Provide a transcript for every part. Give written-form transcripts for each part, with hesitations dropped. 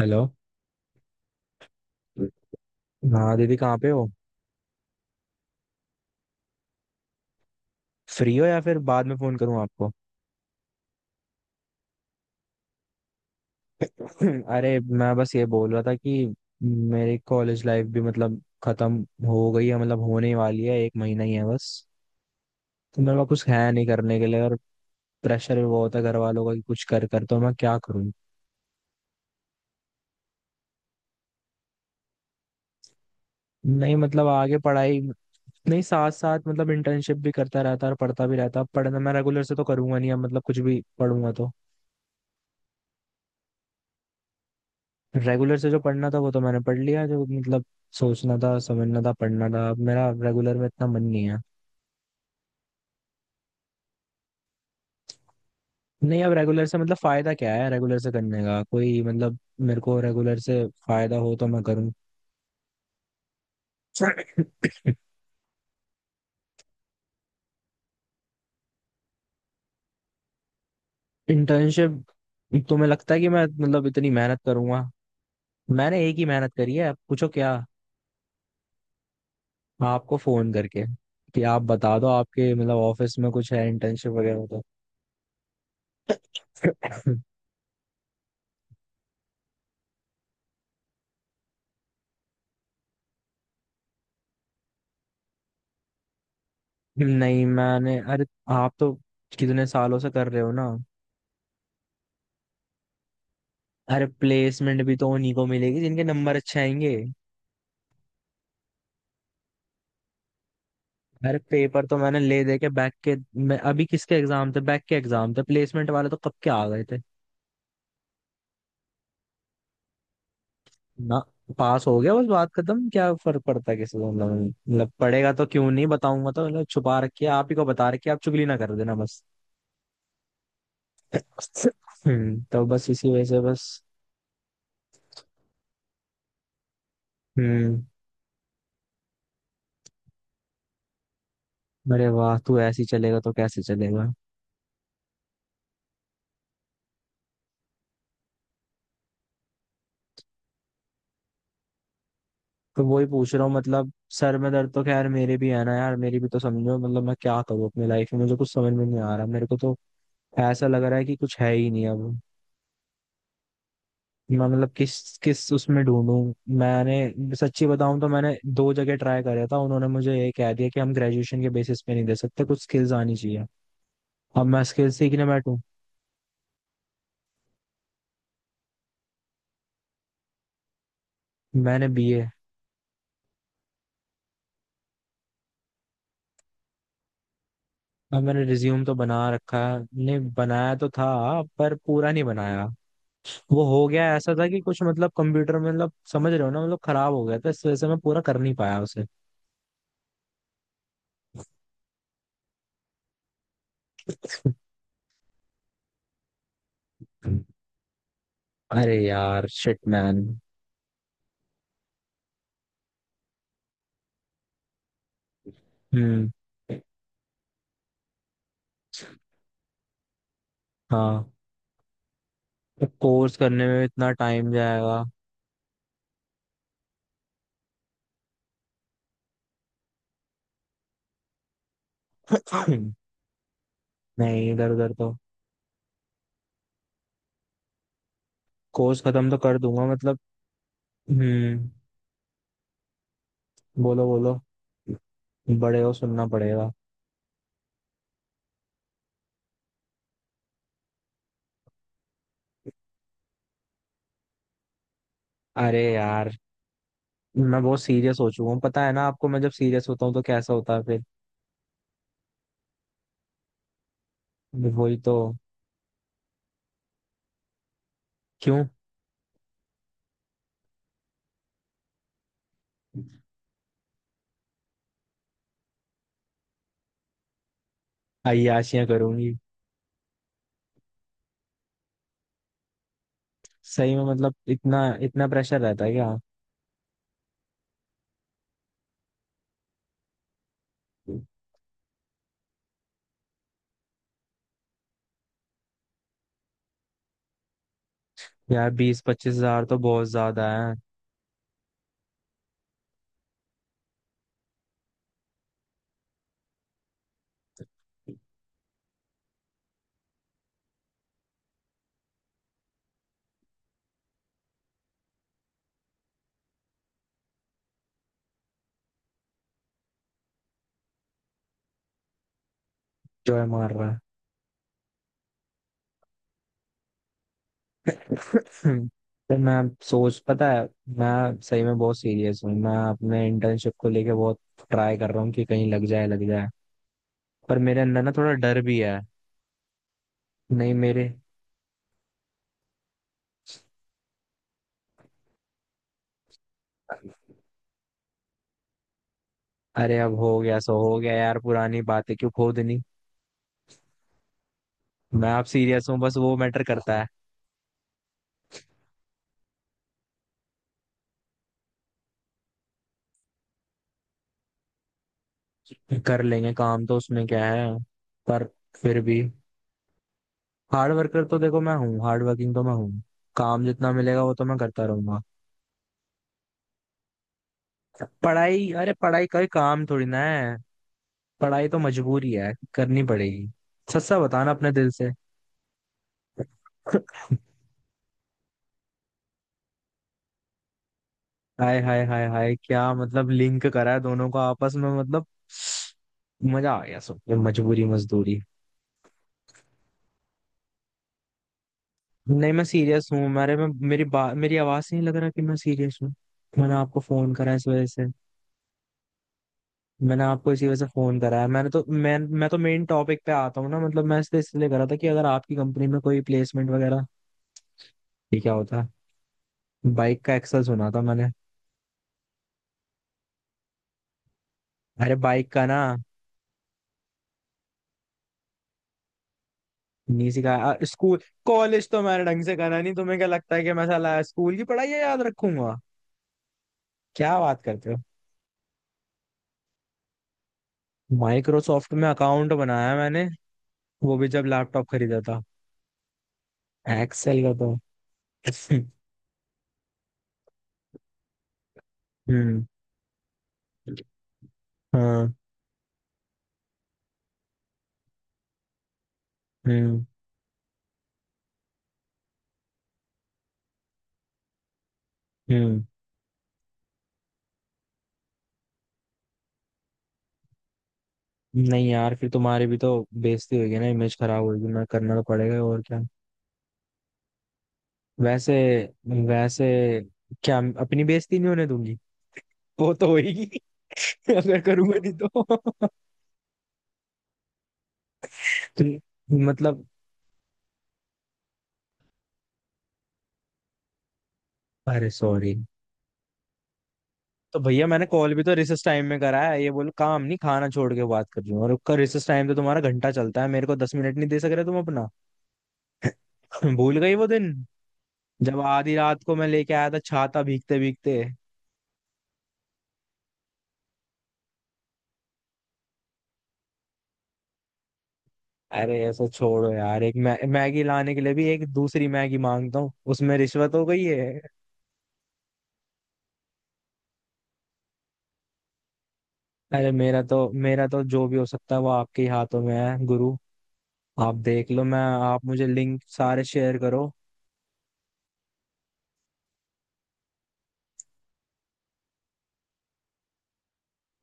Hello. हाँ दीदी कहाँ पे हो। फ्री हो या फिर बाद में फोन करूँ आपको। अरे मैं बस ये बोल रहा था कि मेरी कॉलेज लाइफ भी मतलब खत्म हो गई है मतलब होने वाली है एक महीना ही है बस। तो मेरे पास कुछ है नहीं करने के लिए और प्रेशर भी बहुत है घर वालों का कि कुछ कर कर तो मैं क्या करूँ। नहीं मतलब आगे पढ़ाई। नहीं साथ साथ मतलब इंटर्नशिप भी करता रहता और पढ़ता भी रहता अब पढ़ना मैं रेगुलर से तो करूंगा नहीं अब मतलब कुछ भी पढ़ूंगा तो। रेगुलर से जो पढ़ना था वो तो मैंने पढ़ लिया जो मतलब सोचना था समझना था पढ़ना था अब मेरा रेगुलर में इतना मन नहीं है। नहीं अब रेगुलर से मतलब फायदा क्या है रेगुलर से करने का कोई मतलब। मेरे को रेगुलर से फायदा हो तो मैं करूँ। इंटर्नशिप। तुम्हें लगता है कि मैं मतलब इतनी मेहनत करूंगा। मैंने एक ही मेहनत करी है पूछो क्या। आपको फोन करके कि आप बता दो आपके मतलब ऑफिस में कुछ है इंटर्नशिप वगैरह तो। नहीं मैंने अरे आप तो कितने सालों से कर रहे हो ना। अरे प्लेसमेंट भी तो उन्हीं को मिलेगी जिनके नंबर अच्छे आएंगे। अरे पेपर तो मैंने ले दे के बैक के। मैं अभी किसके एग्जाम थे बैक के एग्जाम थे प्लेसमेंट वाले तो कब के आ गए थे। ना। पास हो गया बस बात खत्म क्या फर्क पड़ता है किसी को मतलब। मतलब पड़ेगा तो क्यों नहीं बताऊंगा तो मतलब छुपा रखिए आप ही को बता रखिए आप चुगली ना कर देना बस। तो बस इसी वजह से बस। हम्म। अरे वाह तू ऐसे ही चलेगा तो कैसे चलेगा। तो वही पूछ रहा हूँ मतलब। सर में दर्द तो खैर मेरे भी है ना यार मेरी भी तो समझो मतलब मैं क्या करूँ अपनी लाइफ में मुझे कुछ समझ में नहीं आ रहा मेरे को तो ऐसा लग रहा है कि कुछ है ही नहीं अब। मैं मतलब किस किस उसमें ढूंढूं। मैंने सच्ची बताऊं तो मैंने दो जगह ट्राई करा था उन्होंने मुझे ये कह दिया कि हम ग्रेजुएशन के बेसिस पे नहीं दे सकते कुछ स्किल्स आनी चाहिए। अब मैं स्किल्स सीखने बैठूं। मैंने बीए। अब मैंने रिज्यूम तो बना रखा है। नहीं बनाया तो था पर पूरा नहीं बनाया। वो हो गया ऐसा था कि कुछ मतलब कंप्यूटर में मतलब समझ रहे हो ना मतलब खराब हो गया था इस वजह से मैं पूरा कर नहीं पाया उसे। अरे यार शिट मैन। हम्म। हाँ। तो कोर्स करने में इतना टाइम जाएगा। नहीं इधर उधर तो। कोर्स खत्म तो कर दूंगा मतलब। हम्म। बोलो बोलो। बड़े हो सुनना पड़ेगा। अरे यार मैं बहुत सीरियस हो चुका हूँ पता है ना आपको। मैं जब सीरियस होता हूँ तो कैसा होता है फिर। वही तो। क्यों। अय्याशियां करूंगी। सही में मतलब इतना इतना प्रेशर रहता है क्या। यार 20-25 हज़ार तो बहुत ज्यादा है। जो है मार रहा है। तो मैं सोच पता है मैं सही में बहुत सीरियस हूँ मैं अपने इंटर्नशिप को लेके बहुत ट्राई कर रहा हूँ कि कहीं लग जाए लग जाए। पर मेरे अंदर ना थोड़ा डर भी है। नहीं मेरे। अरे अब हो गया सो हो गया यार पुरानी बातें क्यों खोदनी। मैं अब सीरियस हूँ बस वो मैटर करता है। कर लेंगे काम तो उसमें क्या है पर फिर भी हार्ड वर्कर तो देखो मैं हूँ हार्ड वर्किंग तो मैं हूँ। काम जितना मिलेगा वो तो मैं करता रहूंगा। पढ़ाई अरे पढ़ाई का ही काम थोड़ी ना है। पढ़ाई तो मजबूरी है करनी पड़ेगी। सच्चा बताना अपने दिल से। हाय हाय हाय हाय क्या मतलब लिंक करा है दोनों को आपस में मतलब। मजा आ गया सुन के मजबूरी मजदूरी। नहीं मैं सीरियस हूँ मेरे में मेरी आवाज से नहीं लग रहा कि मैं सीरियस हूँ। मैंने आपको फोन करा है इस वजह से। मैंने आपको इसी वजह से फोन करा है मैंने तो मैं तो मेन टॉपिक पे आता हूँ ना मतलब मैं इसलिए इसलिए करा था कि अगर आपकी कंपनी में कोई प्लेसमेंट वगैरह। ये क्या होता है। बाइक का एक्सेल सुना था मैंने। अरे बाइक का ना। नहीं सिखाया स्कूल। कॉलेज तो मैंने ढंग से करा नहीं तुम्हें क्या लगता है कि मैं साला स्कूल की पढ़ाई याद रखूंगा। क्या बात करते हो। माइक्रोसॉफ्ट में अकाउंट बनाया मैंने। वो भी जब लैपटॉप खरीदा था। एक्सेल का तो हम्म। हाँ। हम्म। हम्म। नहीं यार फिर तुम्हारी भी तो बेइज्जती होगी ना इमेज खराब होगी ना करना तो पड़ेगा और क्या। वैसे वैसे क्या अपनी बेइज्जती नहीं होने दूंगी। वो तो होगी। अगर करूंगा नहीं तो तो मतलब। अरे सॉरी। तो भैया मैंने कॉल भी तो रिसेस टाइम में करा है ये बोलो काम नहीं खाना छोड़ के बात कर रही हूँ और उसका रिसेस टाइम तो तुम्हारा घंटा चलता है मेरे को 10 मिनट नहीं दे सक रहे तुम अपना। भूल गई वो दिन जब आधी रात को मैं लेके आया था छाता भीगते भीगते। अरे ऐसा छोड़ो यार एक मै मैगी लाने के लिए भी एक दूसरी मैगी मांगता हूँ उसमें रिश्वत हो गई है। अरे मेरा तो जो भी हो सकता है वो आपके ही हाथों में है गुरु। आप देख लो मैं आप मुझे लिंक सारे शेयर करो।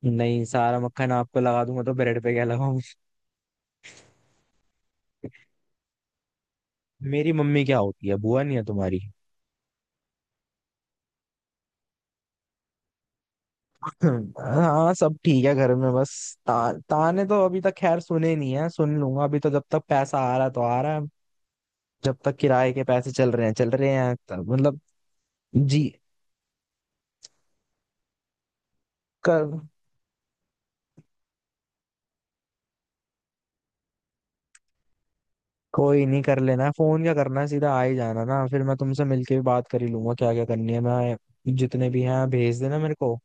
नहीं सारा मक्खन आपको लगा दूंगा तो ब्रेड पे क्या लगाऊं। मेरी मम्मी क्या होती है बुआ नहीं है तुम्हारी। हाँ सब ठीक है घर में बस ताने तो अभी तक खैर सुने नहीं है सुन लूंगा अभी तो जब तक पैसा आ रहा है तो आ रहा है। जब तक किराए के पैसे चल रहे हैं तब मतलब। जी। कर कोई नहीं कर लेना है फोन क्या करना है सीधा आ ही जाना ना फिर मैं तुमसे मिलके भी बात कर ही लूंगा क्या क्या करनी है मैं जितने भी हैं भेज देना मेरे को।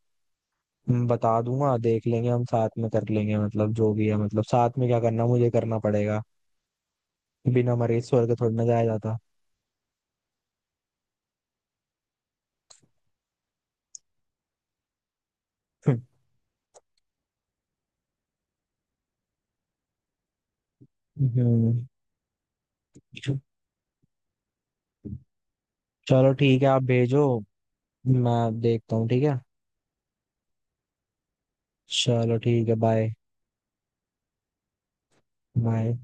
मैं बता दूंगा देख लेंगे हम साथ में कर लेंगे मतलब जो भी है मतलब साथ में क्या करना है, मुझे करना पड़ेगा। बिना मरे स्वर्ग थोड़ी ना जाया जाता। हम्म। चलो ठीक है आप भेजो। मैं देखता हूँ ठीक है। चलो ठीक है बाय। बाय।